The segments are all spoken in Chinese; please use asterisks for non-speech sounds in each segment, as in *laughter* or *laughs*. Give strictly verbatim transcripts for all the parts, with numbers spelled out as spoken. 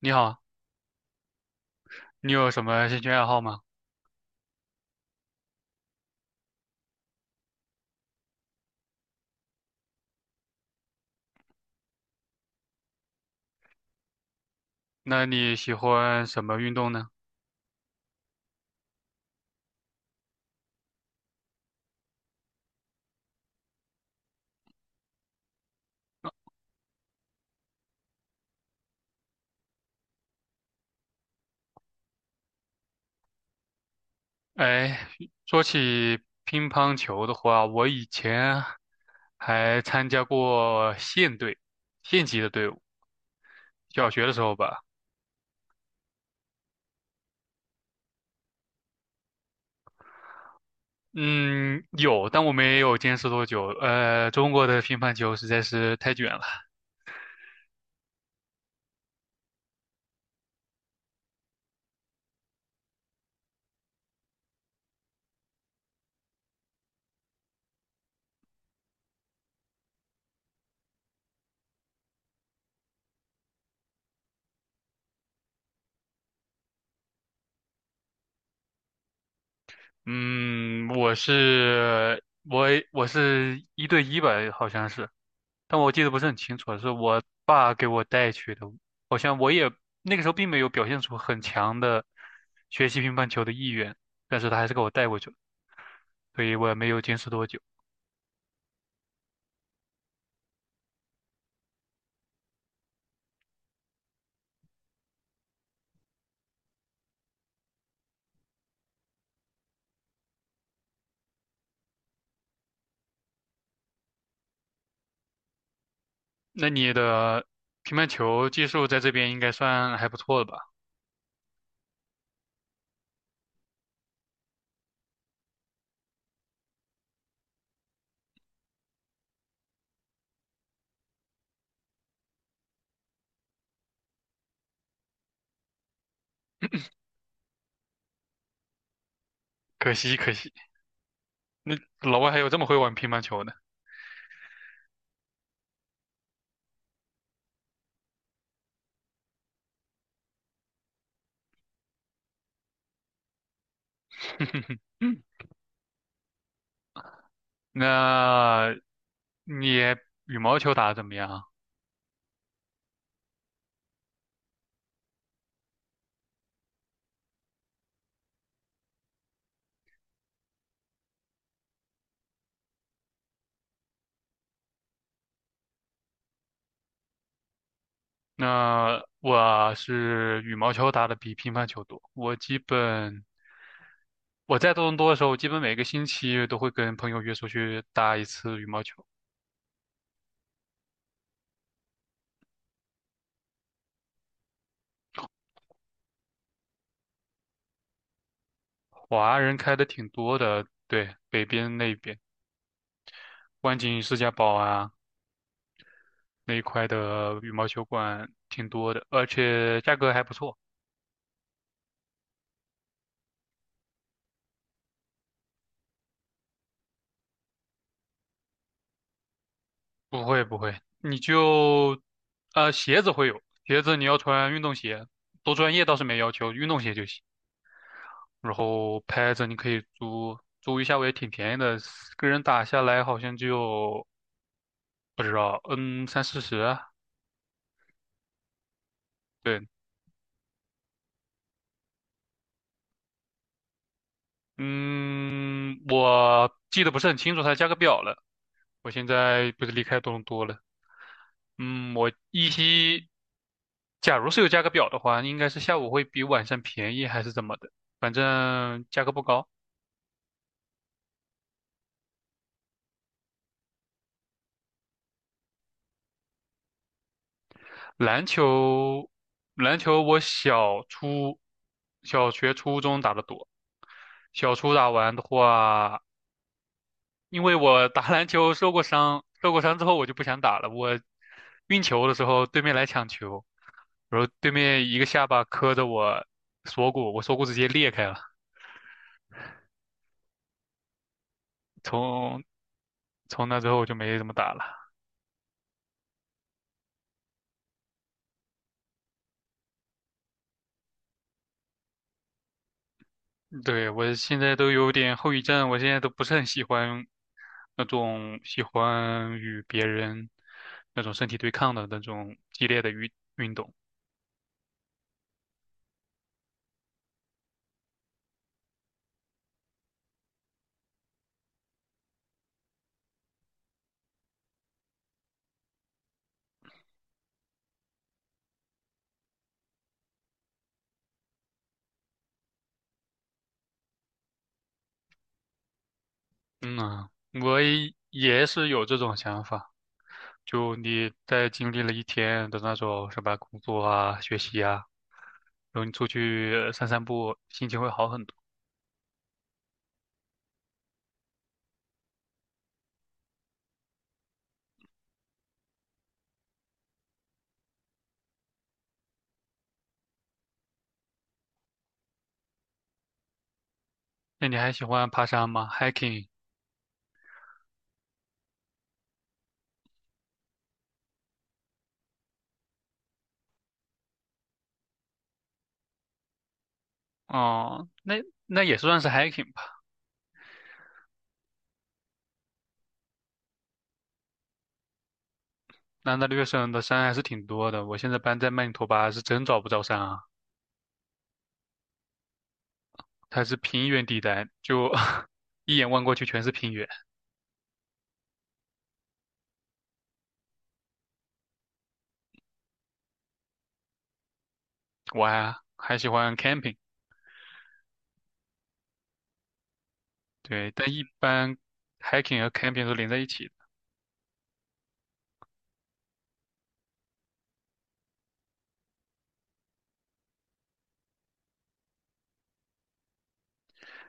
你好，你有什么兴趣爱好吗？那你喜欢什么运动呢？哎，说起乒乓球的话，我以前还参加过县队、县级的队伍，小学的时候吧。嗯，有，但我没有坚持多久。呃，中国的乒乓球实在是太卷了。嗯，我是我我是一对一吧，好像是。但我记得不是很清楚了，是我爸给我带去的。好像我也那个时候并没有表现出很强的学习乒乓球的意愿，但是他还是给我带过去了，所以我也没有坚持多久。那你的乒乓球技术在这边应该算还不错了吧？可惜可惜，那老外还有这么会玩乒乓球的。嗯，那你羽毛球打得怎么样啊？那我是羽毛球打得比乒乓球多，我基本。我在多伦多的时候，基本每个星期都会跟朋友约出去打一次羽毛球。华人开的挺多的，对，北边那边，湾景世家堡啊那一块的羽毛球馆挺多的，而且价格还不错。不会不会，你就，呃，鞋子会有，鞋子你要穿运动鞋，多专业倒是没要求，运动鞋就行。然后拍子你可以租，租一下我也挺便宜的，个人打下来好像就不知道，嗯，三四十，对，嗯，我记得不是很清楚它的价格表了。我现在不是离开多伦多了，嗯，我依稀，假如是有价格表的话，应该是下午会比晚上便宜还是怎么的，反正价格不高。篮球，篮球我小初、小学、初中打的多，小初打完的话，因为我打篮球受过伤，受过伤之后我就不想打了。我运球的时候，对面来抢球。然后对面一个下巴磕着我锁骨，我锁骨直接裂开了。从从那之后我就没怎么打了。对，我现在都有点后遗症，我现在都不是很喜欢那种喜欢与别人那种身体对抗的那种激烈的运运动。嗯啊，我也也是有这种想法。就你在经历了一天的那种什么工作啊、学习啊，然后你出去散散步，心情会好很多。那你还喜欢爬山吗？hiking？哦，那那也算是 hiking 吧。那大略省的山还是挺多的。我现在搬在曼尼托巴，是真找不着山啊，它是平原地带，就 *laughs* 一眼望过去全是平原。我还还喜欢 camping，对，但一般 hiking 和 camping 都连在一起的。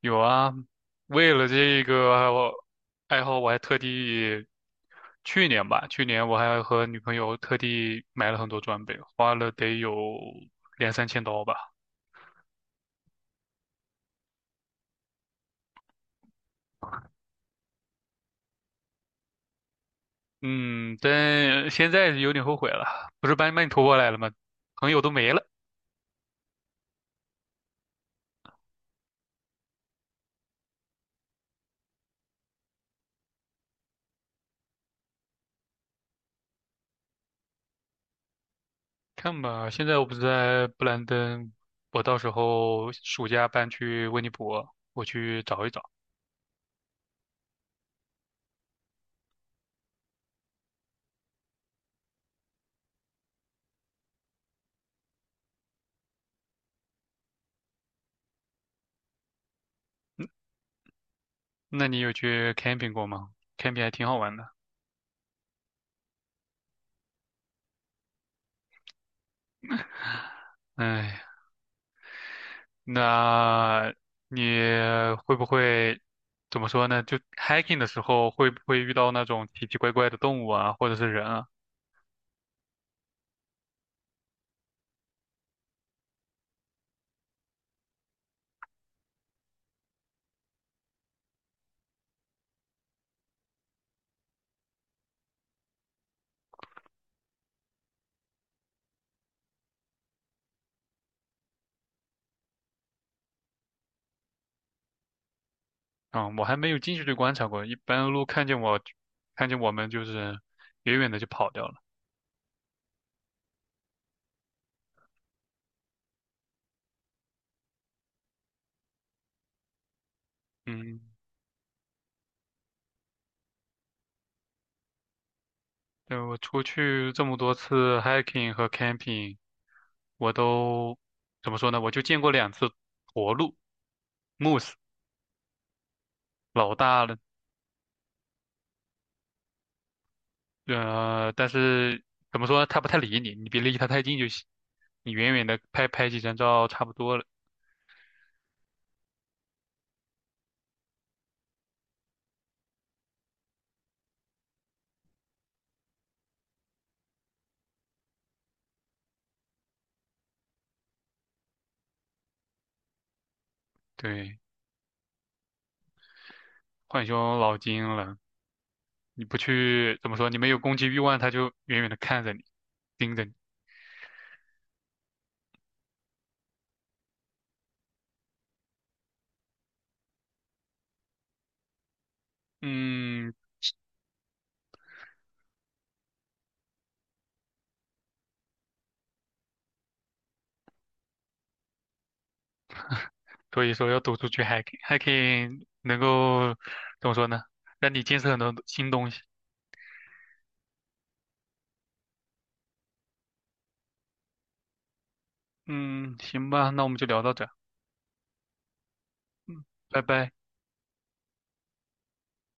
有啊，为了这个我爱好，我还特地去年吧，去年我还和女朋友特地买了很多装备，花了得有两三千刀吧。嗯，但现在有点后悔了，不是把你把你拖过来了吗？朋友都没了，看吧，现在我不是在布兰登，我到时候暑假搬去温尼伯，我去找一找。那你有去 camping 过吗？camping 还挺好玩的。哎，那你会不会怎么说呢？就 hiking 的时候会不会遇到那种奇奇怪怪的动物啊，或者是人啊？嗯，我还没有近距离观察过，一般鹿看见我，看见我们就是远远的就跑掉了。嗯，对，我出去这么多次 hiking 和 camping，我都怎么说呢？我就见过两次驼鹿 moose，老大了，呃，但是怎么说呢？它不太理你，你别离它太近就行，你远远的拍拍几张照差不多了。对，浣熊老精了，你不去怎么说？你没有攻击欲望，它就远远的看着你，盯着你。嗯，所以说要走出去 hiking，hiking 能够怎么说呢？让你见识很多新东西。嗯，行吧，那我们就聊到这儿。嗯，拜拜。